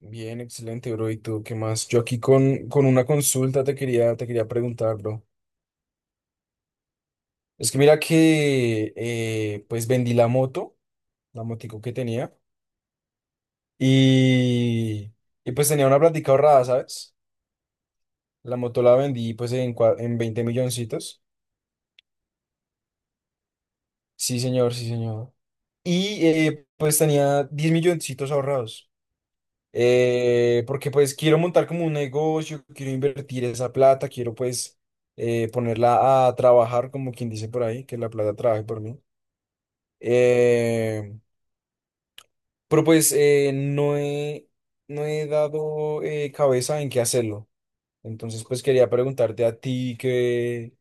Bien, excelente, bro. ¿Y tú qué más? Yo aquí con una consulta te quería preguntar, bro. Es que mira que pues vendí la moto, la motico que tenía, y, y pues tenía una plática ahorrada, ¿sabes? La moto la vendí pues en 20 milloncitos. Sí, señor, sí, señor. Y pues tenía 10 milloncitos ahorrados. Porque pues quiero montar como un negocio, quiero invertir esa plata, quiero pues ponerla a trabajar, como quien dice por ahí, que la plata trabaje por mí. Eh, pero pues no he dado cabeza en qué hacerlo. Entonces pues quería preguntarte a ti que…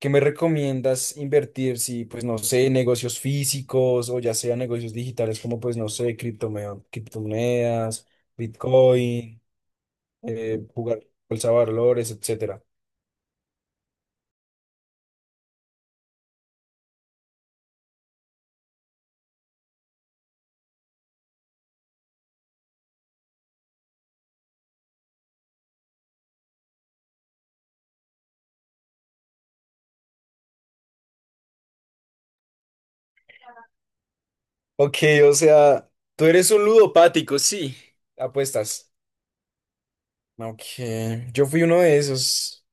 ¿Qué me recomiendas invertir? Si pues no sé, negocios físicos o ya sea negocios digitales como, pues, no sé, criptomonedas, Bitcoin, jugar bolsa de valores, etcétera. Ok, o sea, tú eres un ludopático, sí. Apuestas. Ok, yo fui uno de esos.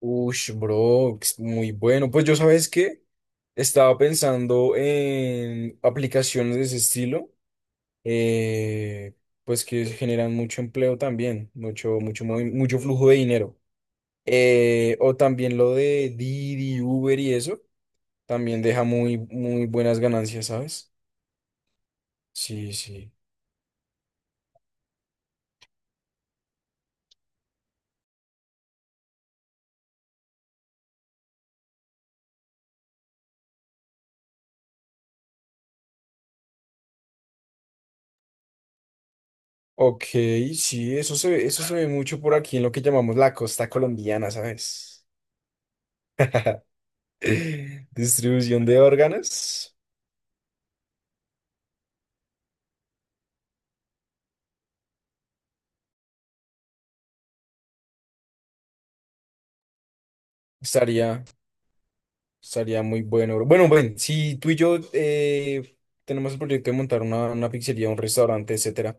Ush, bro, es muy bueno. Pues yo, ¿sabes qué? Estaba pensando en aplicaciones de ese estilo, eh, pues que generan mucho empleo también, mucho, mucho flujo de dinero. O también lo de Didi, Uber y eso, también deja muy, muy buenas ganancias, ¿sabes? Sí, sí. Ok, sí, eso se ve mucho por aquí en lo que llamamos la costa colombiana, ¿sabes? Distribución de órganos. Estaría, Estaría muy bueno, bro. Bueno, ven, si tú y yo tenemos el proyecto de montar una pizzería, un restaurante, etcétera,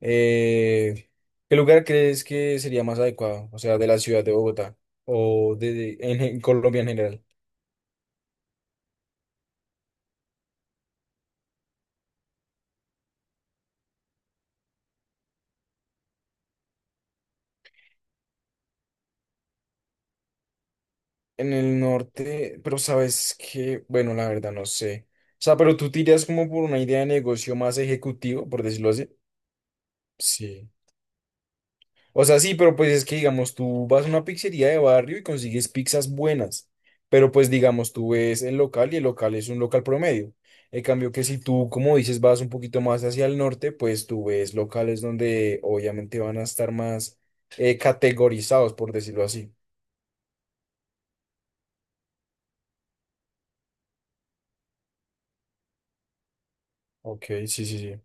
eh, ¿qué lugar crees que sería más adecuado? O sea, de la ciudad de Bogotá en Colombia en general. En el norte, pero sabes que, bueno, la verdad no sé. O sea, pero tú tiras como por una idea de negocio más ejecutivo, por decirlo así. Sí. O sea, sí, pero pues es que, digamos, tú vas a una pizzería de barrio y consigues pizzas buenas, pero pues, digamos, tú ves el local y el local es un local promedio. En cambio que si tú, como dices, vas un poquito más hacia el norte, pues tú ves locales donde obviamente van a estar más categorizados, por decirlo así. Ok, sí, sí, sí.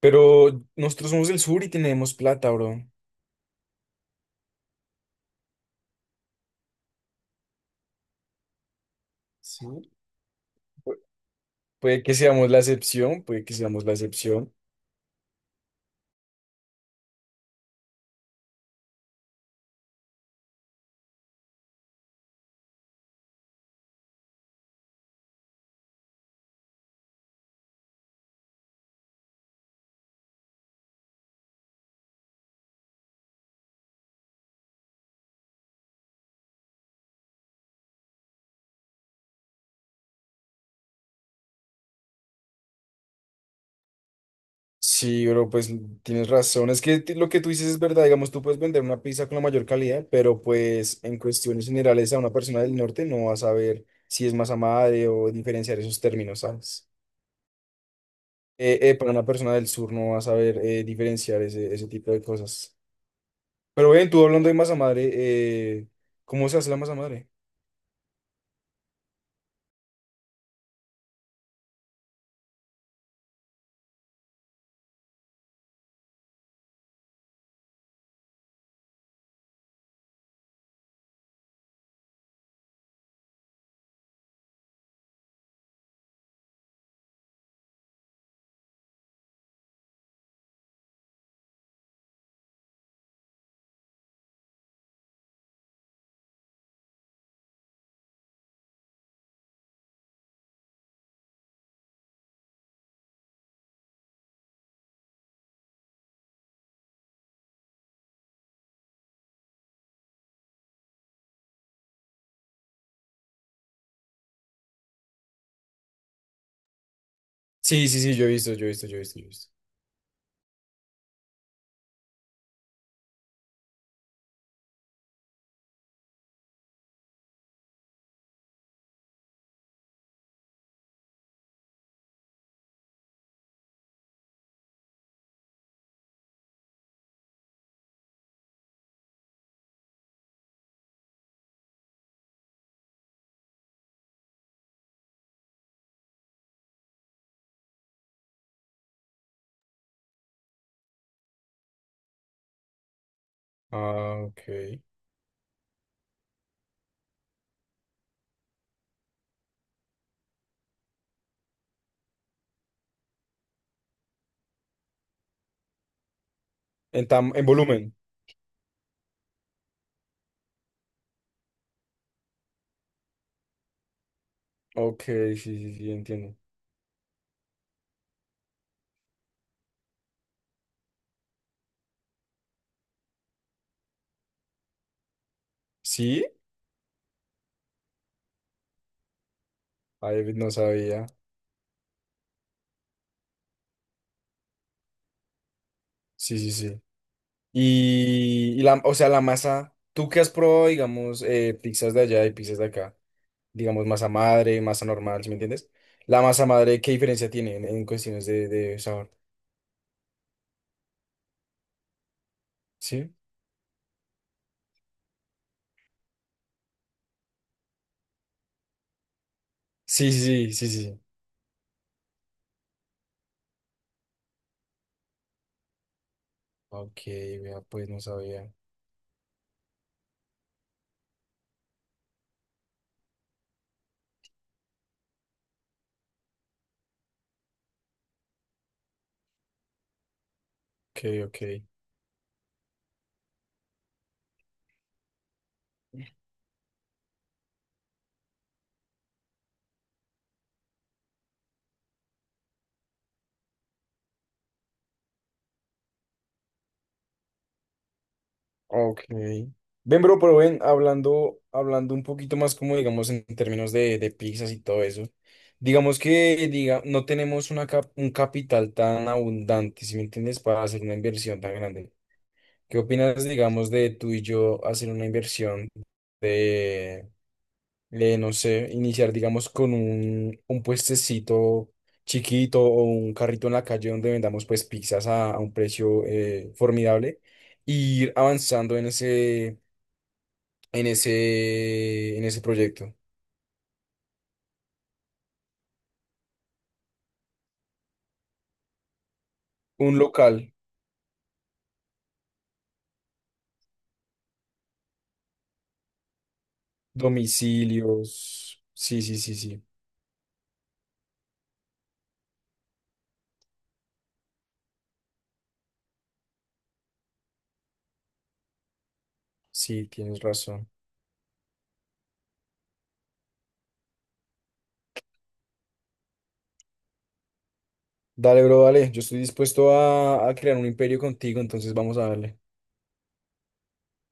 Pero nosotros somos del sur y tenemos plata, bro. Sí. Pu- Puede que seamos la excepción, puede que seamos la excepción. Sí, bro, pues tienes razón. Es que lo que tú dices es verdad. Digamos, tú puedes vender una pizza con la mayor calidad, pero pues en cuestiones generales a una persona del norte no va a saber si es masa madre o diferenciar esos términos, ¿sabes? Para una persona del sur no va a saber diferenciar ese tipo de cosas. Pero ven, tú hablando de masa madre, ¿cómo se hace la masa madre? Sí, sí, sí, yo he visto, yo he visto, yo he visto, yo he visto. Ah, ok. En volumen. Ok, sí, sí, sí, entiendo. ¿Sí? Ay, no sabía. Sí, sí, sí. Y la, o sea, la masa, ¿tú qué has probado, digamos, pizzas de allá y pizzas de acá? Digamos, masa madre, masa normal, ¿sí me entiendes? La masa madre, ¿qué diferencia tiene en cuestiones de sabor? ¿Sí? Sí, sí, sí, sí, sí, sí. Ok, vea, pues no sabía. Ok, ok. Ok. Ven, bro, pero ven, hablando, hablando un poquito más como digamos en términos de pizzas y todo eso. Digamos que diga, no tenemos un capital tan abundante, si me entiendes, para hacer una inversión tan grande. ¿Qué opinas, digamos, de tú y yo hacer una inversión de, no sé, iniciar, digamos, con un puestecito chiquito o un carrito en la calle donde vendamos pues pizzas a un precio formidable? E ir avanzando en ese en ese proyecto. Un local, domicilios. Sí, sí, sí, sí. Sí, tienes razón. Dale, bro, dale. Yo estoy dispuesto a crear un imperio contigo, entonces vamos a darle.